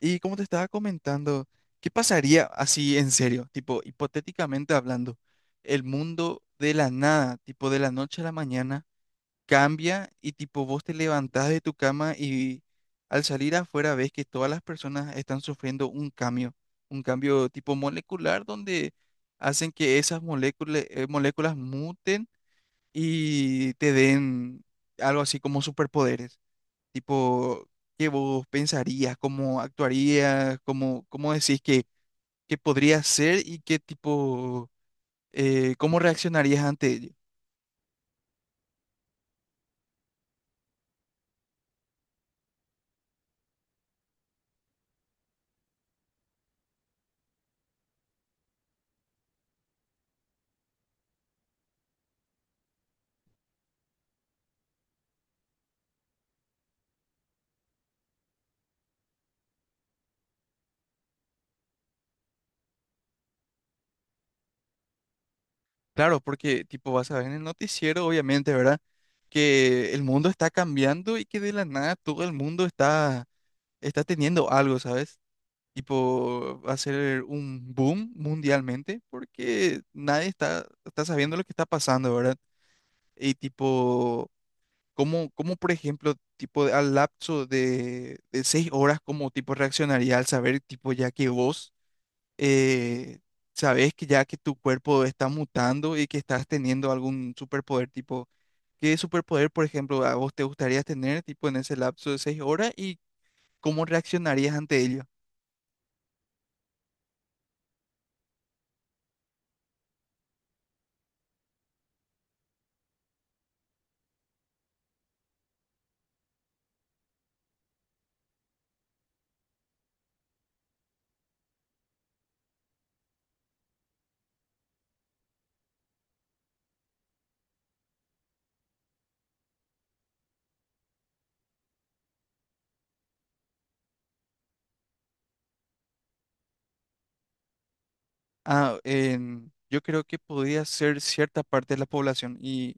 Y como te estaba comentando, ¿qué pasaría así en serio? Tipo, hipotéticamente hablando, el mundo de la nada, tipo de la noche a la mañana, cambia y tipo vos te levantás de tu cama y al salir afuera ves que todas las personas están sufriendo un cambio tipo molecular donde hacen que esas moléculas muten y te den algo así como superpoderes. Tipo, ¿qué vos pensarías? ¿Cómo actuarías? ¿Cómo decís que podría ser y qué tipo, cómo reaccionarías ante ello? Claro, porque tipo vas a ver en el noticiero, obviamente, ¿verdad? Que el mundo está cambiando y que de la nada todo el mundo está teniendo algo, ¿sabes? Tipo, va a ser un boom mundialmente porque nadie está sabiendo lo que está pasando, ¿verdad? Y tipo. ¿Cómo, por ejemplo, al lapso de 6 horas, cómo tipo reaccionaría al saber, tipo, ya que vos eh, sabés que ya que tu cuerpo está mutando y que estás teniendo algún superpoder, tipo, ¿qué superpoder, por ejemplo, a vos te gustaría tener, tipo, en ese lapso de 6 horas y cómo reaccionarías ante ello? Ah, yo creo que podría ser cierta parte de la población y,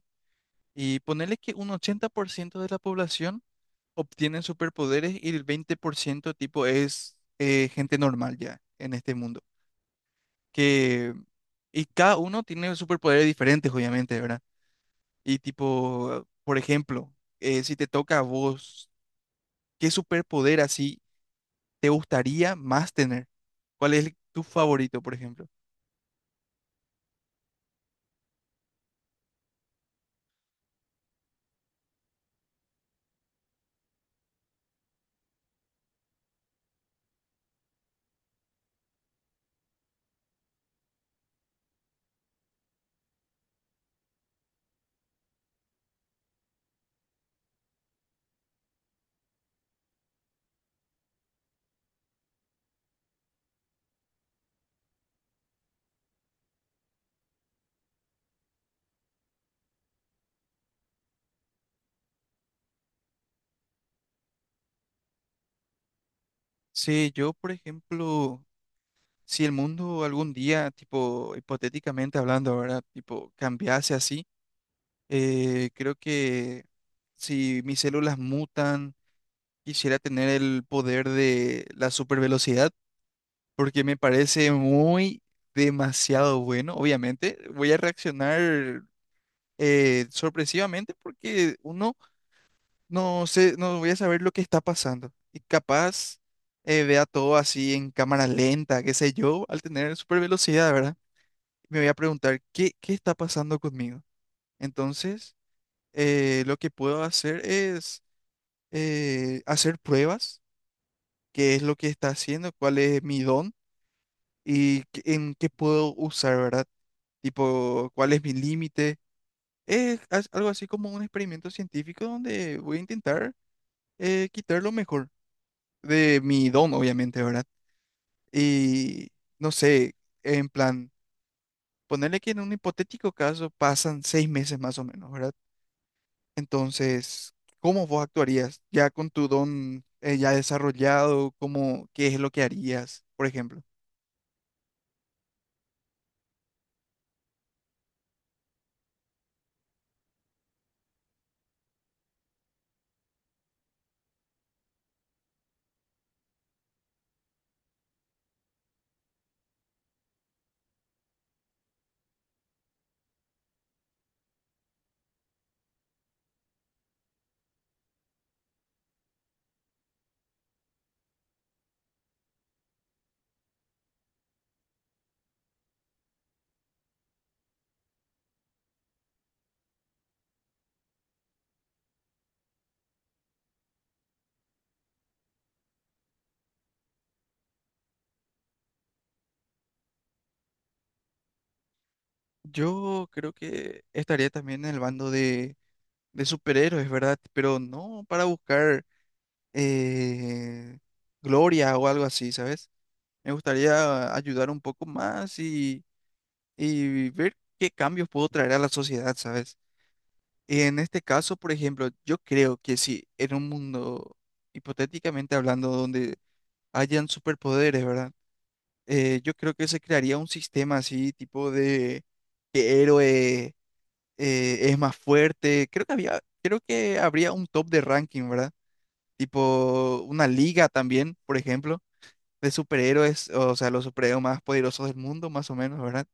y ponerle que un 80% de la población obtienen superpoderes y el 20% tipo es gente normal ya en este mundo. Que, y cada uno tiene superpoderes diferentes, obviamente, ¿verdad? Y tipo, por ejemplo, si te toca a vos, ¿qué superpoder así te gustaría más tener? ¿Cuál es tu favorito, por ejemplo? Sí, yo, por ejemplo, si el mundo algún día, tipo, hipotéticamente hablando, ¿verdad? Tipo, cambiase así. Creo que si mis células mutan, quisiera tener el poder de la supervelocidad, porque me parece muy demasiado bueno. Obviamente, voy a reaccionar sorpresivamente porque uno no sé, no voy a saber lo que está pasando. Y capaz vea todo así en cámara lenta, qué sé yo, al tener supervelocidad, ¿verdad? Me voy a preguntar, ¿qué está pasando conmigo? Entonces lo que puedo hacer es hacer pruebas, qué es lo que está haciendo, cuál es mi don y en qué puedo usar, ¿verdad? Tipo, cuál es mi límite. Es algo así como un experimento científico donde voy a intentar quitar lo mejor de mi don, obviamente, ¿verdad? Y no sé, en plan, ponerle que en un hipotético caso pasan 6 meses más o menos, ¿verdad? Entonces, ¿cómo vos actuarías ya con tu don ya desarrollado? ¿Cómo, qué es lo que harías, por ejemplo? Yo creo que estaría también en el bando de superhéroes, ¿verdad? Pero no para buscar eh, gloria o algo así, ¿sabes? Me gustaría ayudar un poco más y ver qué cambios puedo traer a la sociedad, ¿sabes? En este caso, por ejemplo, yo creo que si en un mundo, hipotéticamente hablando, donde hayan superpoderes, ¿verdad? Yo creo que se crearía un sistema así, tipo de que héroe es más fuerte. Creo que habría un top de ranking, ¿verdad? Tipo una liga también, por ejemplo, de superhéroes, o sea, los superhéroes más poderosos del mundo, más o menos, ¿verdad?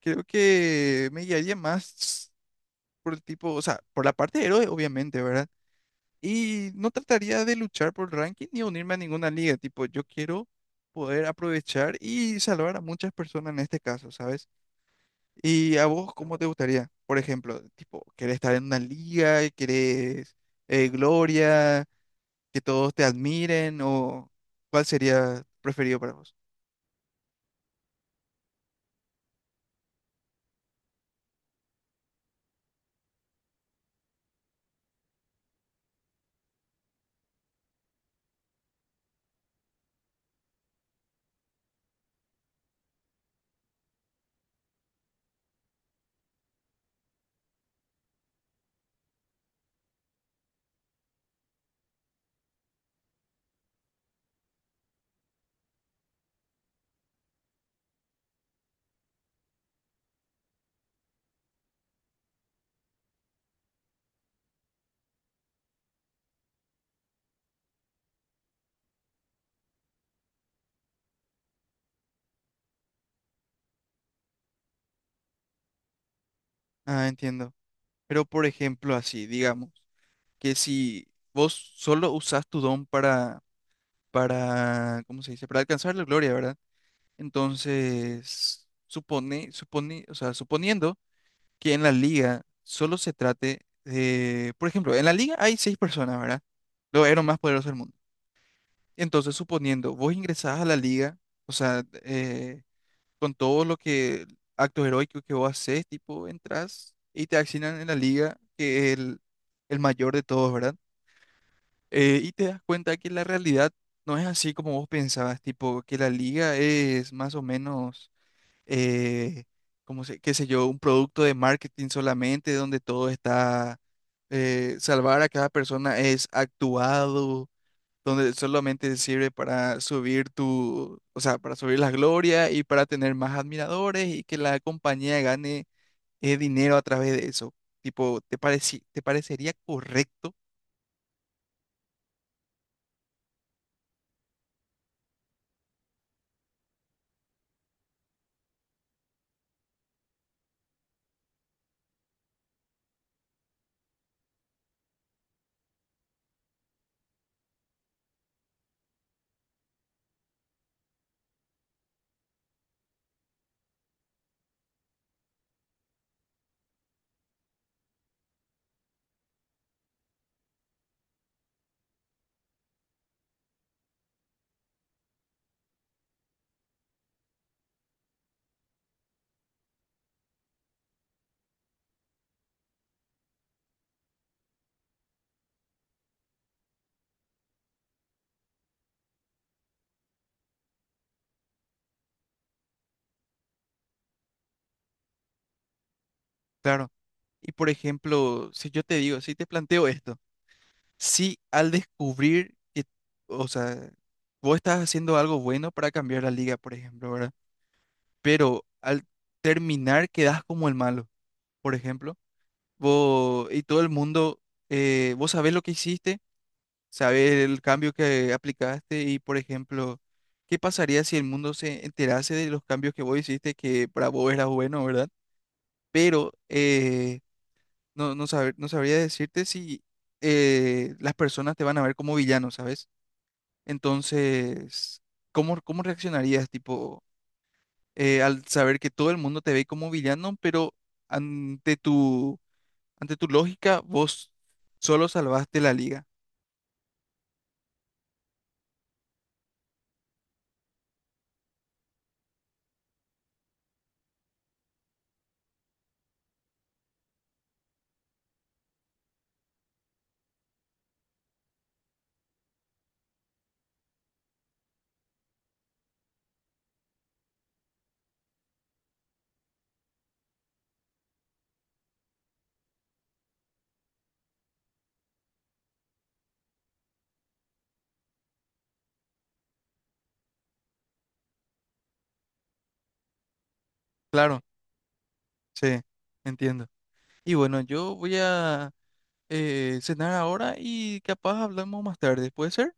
Creo que me guiaría más por el tipo, o sea, por la parte de héroe, obviamente, ¿verdad? Y no trataría de luchar por el ranking ni unirme a ninguna liga. Tipo, yo quiero poder aprovechar y salvar a muchas personas en este caso, ¿sabes? ¿Y a vos cómo te gustaría? Por ejemplo, tipo, ¿querés estar en una liga? ¿Querés gloria? ¿Que todos te admiren? ¿O cuál sería preferido para vos? Ah, entiendo. Pero por ejemplo, así, digamos, que si vos solo usás tu don para, ¿cómo se dice? Para alcanzar la gloria, ¿verdad? Entonces, supone, o sea, suponiendo que en la liga solo se trate de, por ejemplo, en la liga hay 6 personas, ¿verdad? Los héroes más poderosos del mundo. Entonces, suponiendo, vos ingresás a la liga, o sea, con todo lo que, actos heroicos que vos haces, tipo, entras y te asignan en la liga que el mayor de todos, ¿verdad? Y te das cuenta que la realidad no es así como vos pensabas, tipo, que la liga es más o menos eh, qué sé yo, un producto de marketing solamente donde salvar a cada persona es actuado, donde solamente sirve para subir tu, o sea, para subir la gloria y para tener más admiradores y que la compañía gane dinero a través de eso. Tipo, ¿te te parecería correcto? Claro. Y por ejemplo, si te planteo esto, sí, al descubrir que, o sea, vos estás haciendo algo bueno para cambiar la liga, por ejemplo, ¿verdad? Pero al terminar quedás como el malo, por ejemplo. Vos y todo el mundo, vos sabés lo que hiciste, sabés el cambio que aplicaste y, por ejemplo, ¿qué pasaría si el mundo se enterase de los cambios que vos hiciste que para vos era bueno? ¿Verdad? Pero no, no, no sabría decirte si las personas te van a ver como villano, ¿sabes? Entonces, ¿cómo reaccionarías, tipo, al saber que todo el mundo te ve como villano, pero ante tu, ante tu lógica, vos solo salvaste la liga? Claro, sí, entiendo. Y bueno, yo voy a cenar ahora y capaz hablamos más tarde, ¿puede ser?